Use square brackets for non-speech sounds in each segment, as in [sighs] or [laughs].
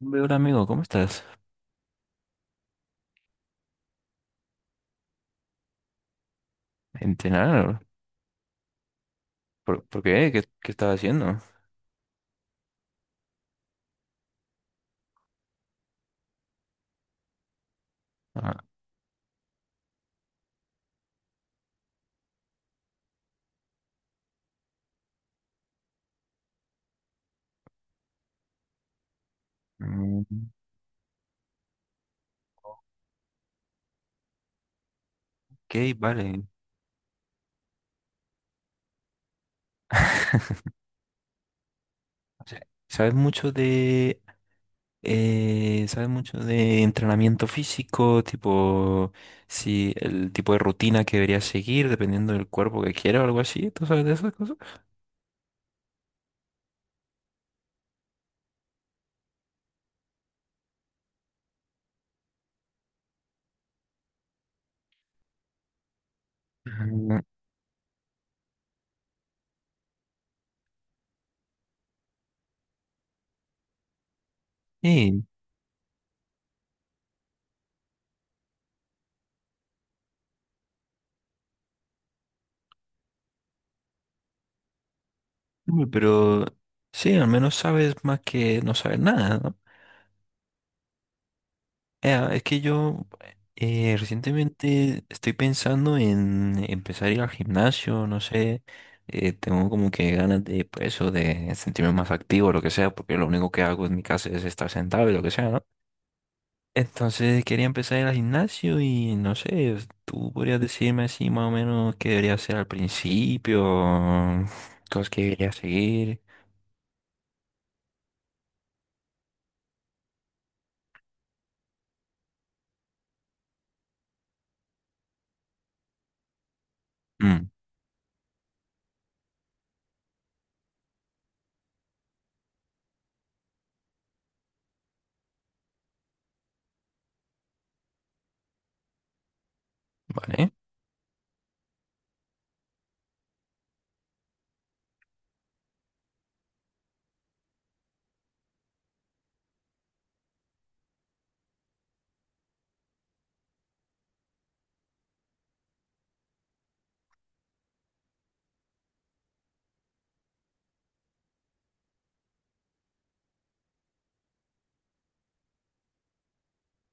Hombre, hola amigo, ¿cómo estás? ¿Entrenar? Por qué? Qué? ¿Qué estás haciendo? Ah, mm, ok, vale. O sea, ¿sabes mucho de sabes mucho de entrenamiento físico? Tipo, si el tipo de rutina que deberías seguir dependiendo del cuerpo que quieras o algo así. ¿Tú sabes de esas cosas? Mm, sí, hombre, pero sí, al menos sabes más que no saber nada, ¿no? Es que yo recientemente estoy pensando en empezar a ir al gimnasio, no sé, tengo como que ganas de, pues, eso, de sentirme más activo, lo que sea, porque lo único que hago en mi casa es estar sentado y lo que sea, ¿no? Entonces quería empezar a ir al gimnasio y no sé, tú podrías decirme así más o menos qué debería hacer al principio, cosas que debería seguir. Mm, vale,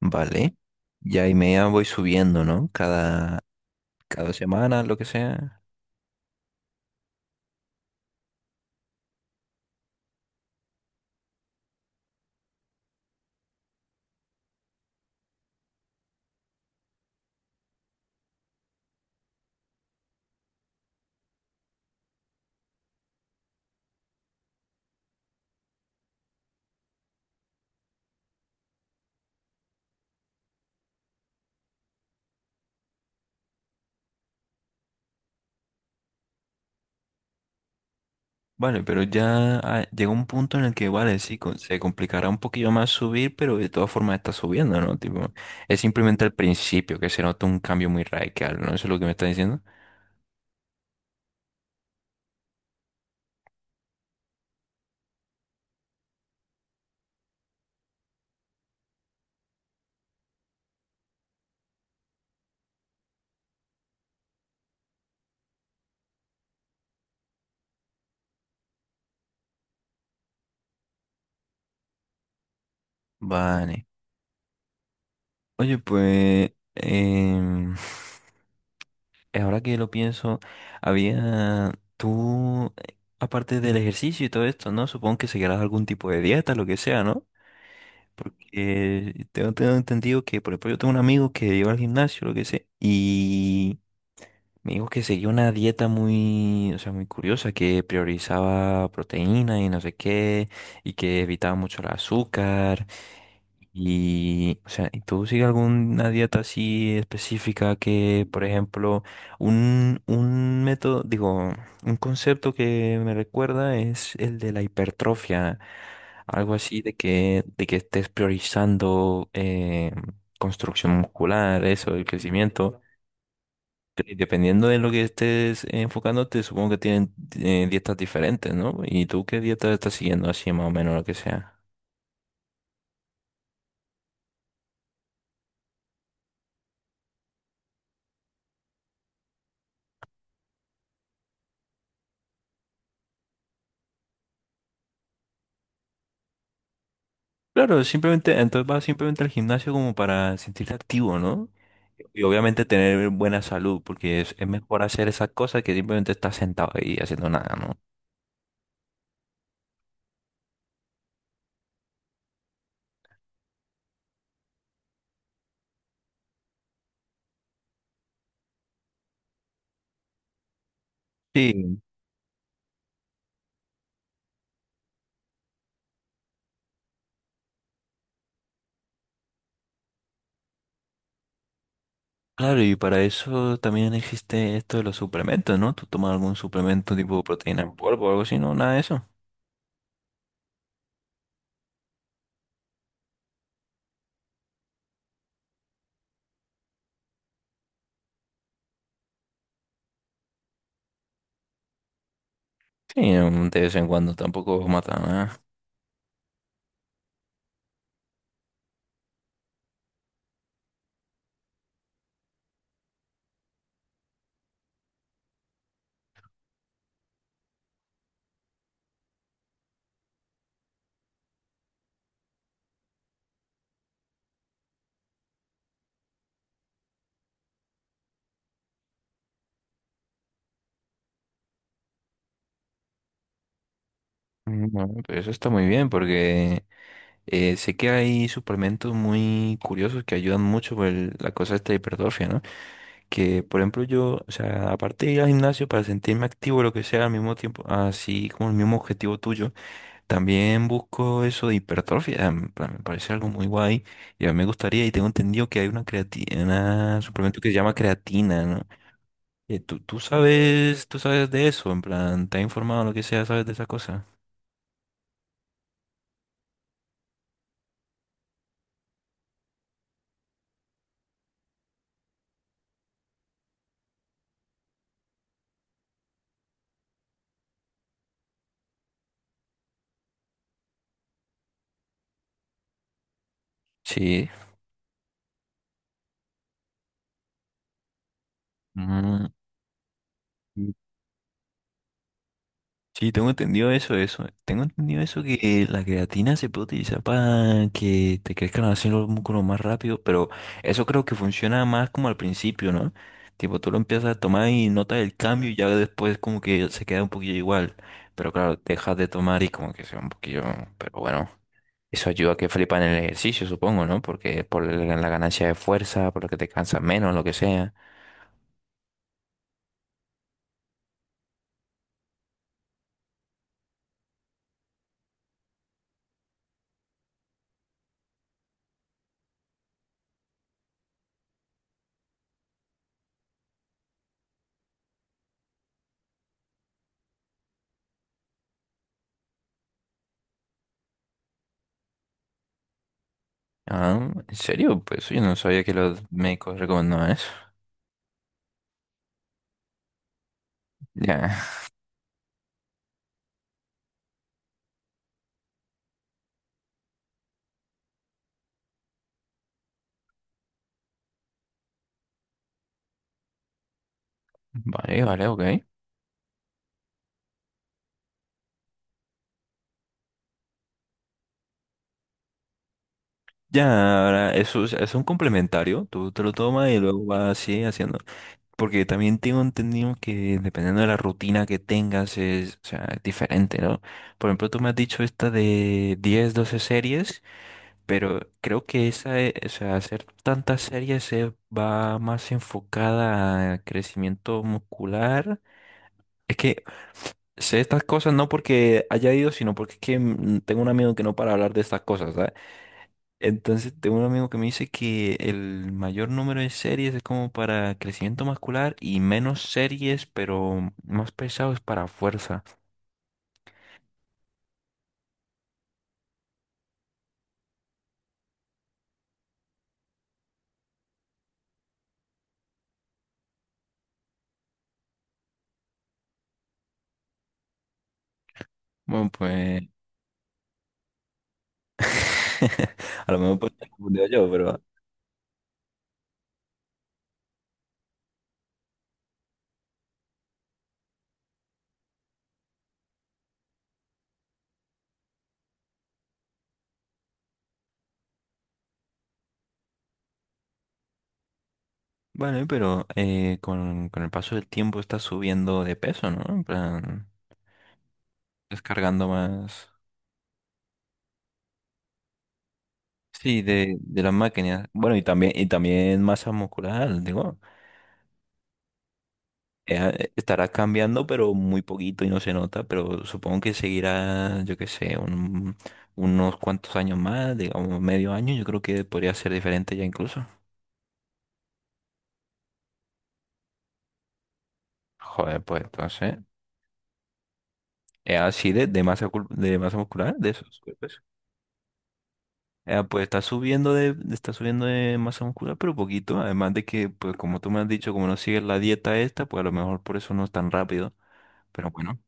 vale. Ya y media voy subiendo, ¿no? Cada semana, lo que sea. Vale, pero ya, llega un punto en el que, vale, sí, se complicará un poquillo más subir, pero de todas formas está subiendo, ¿no? Tipo, es simplemente al principio que se nota un cambio muy radical, ¿no? Eso es lo que me está diciendo. Vale. Oye, pues, [laughs] [sighs] ahora que lo pienso, había tú, aparte del ejercicio y todo esto, ¿no? Supongo que seguirás algún tipo de dieta, lo que sea, ¿no? Porque tengo entendido que, por ejemplo, yo tengo un amigo que iba al gimnasio, lo que sea, y... Me dijo que seguía una dieta muy, o sea, muy curiosa, que priorizaba proteína y no sé qué, y que evitaba mucho el azúcar. Y, o sea, ¿Tú sigues alguna dieta así específica que, por ejemplo, un método, digo, un concepto que me recuerda es el de la hipertrofia, algo así de que estés priorizando construcción muscular, eso, el crecimiento. Y dependiendo de lo que estés enfocándote, supongo que tienen dietas diferentes, ¿no? ¿Y tú qué dieta estás siguiendo así más o menos lo que sea? Claro, simplemente, entonces vas simplemente al gimnasio como para sentirte activo, ¿no? Y obviamente tener buena salud, porque es mejor hacer esas cosas que simplemente estar sentado ahí haciendo nada, ¿no? Sí, claro, y para eso también existe esto de los suplementos, ¿no? ¿Tú tomas algún suplemento tipo proteína en polvo o algo así, no? Nada de eso. Sí, de vez en cuando tampoco mata nada. No, pero eso está muy bien porque sé que hay suplementos muy curiosos que ayudan mucho con la cosa esta de hipertrofia, ¿no? Que, por ejemplo, yo, o sea, aparte de ir al gimnasio para sentirme activo, lo que sea, al mismo tiempo, así como el mismo objetivo tuyo, también busco eso de hipertrofia, en plan, me parece algo muy guay y a mí me gustaría y tengo entendido que hay una creatina, una suplemento que se llama creatina, ¿no? ¿Tú sabes de eso? En plan, ¿te has informado lo que sea, sabes de esa cosa? Sí. Mm. Sí, tengo entendido eso, eso. Tengo entendido eso que la creatina se puede utilizar para que te crezcan así los músculos más rápido, pero eso creo que funciona más como al principio, ¿no? Tipo, tú lo empiezas a tomar y notas el cambio y ya después como que se queda un poquillo igual. Pero claro, dejas de tomar y como que se va un poquillo, pero bueno. Eso ayuda a que flipan en el ejercicio, supongo, ¿no? Porque es por la ganancia de fuerza, por lo que te cansas menos, lo que sea. Ah, ¿en serio? Pues yo no sabía que los médicos recomendaban eso. Ya. Vale, vale, ok. Ya, ahora, eso es un complementario, tú te lo tomas y luego vas así haciendo. Porque también tengo entendido que dependiendo de la rutina que tengas es, o sea, es diferente, ¿no? Por ejemplo, tú me has dicho esta de 10-12 series, pero creo que esa, o sea, hacer tantas series se va más enfocada a crecimiento muscular. Es que sé estas cosas no porque haya ido, sino porque es que tengo un amigo que no para hablar de estas cosas, ¿sabes? Entonces, tengo un amigo que me dice que el mayor número de series es como para crecimiento muscular y menos series, pero más pesado es para fuerza. Bueno, pues [laughs] a lo mejor pues, estoy confundido yo, pero vale. Pero con el paso del tiempo estás subiendo de peso, ¿no? En plan, descargando más. Sí, de las máquinas. Bueno, y también, masa muscular, digo. Estará cambiando, pero muy poquito y no se nota, pero supongo que seguirá, yo qué sé, unos cuantos años más, digamos medio año, yo creo que podría ser diferente ya incluso. Joder, pues entonces, así de masa, de masa muscular, de esos cuerpos. Pues está subiendo de, está subiendo de masa muscular, pero poquito. Además de que, pues como tú me has dicho, como no sigues la dieta esta, pues a lo mejor por eso no es tan rápido. Pero bueno,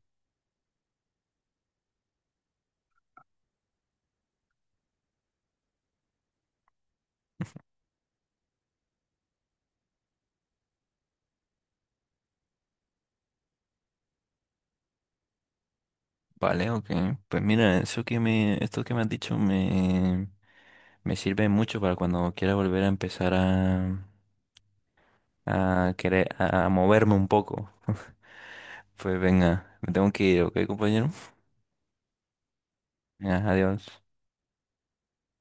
vale, ok. Pues mira, esto que me has dicho me sirve mucho para cuando quiera volver a empezar a, querer, a moverme un poco. [laughs] Pues venga, me tengo que ir, ¿ok, compañero? Venga, adiós.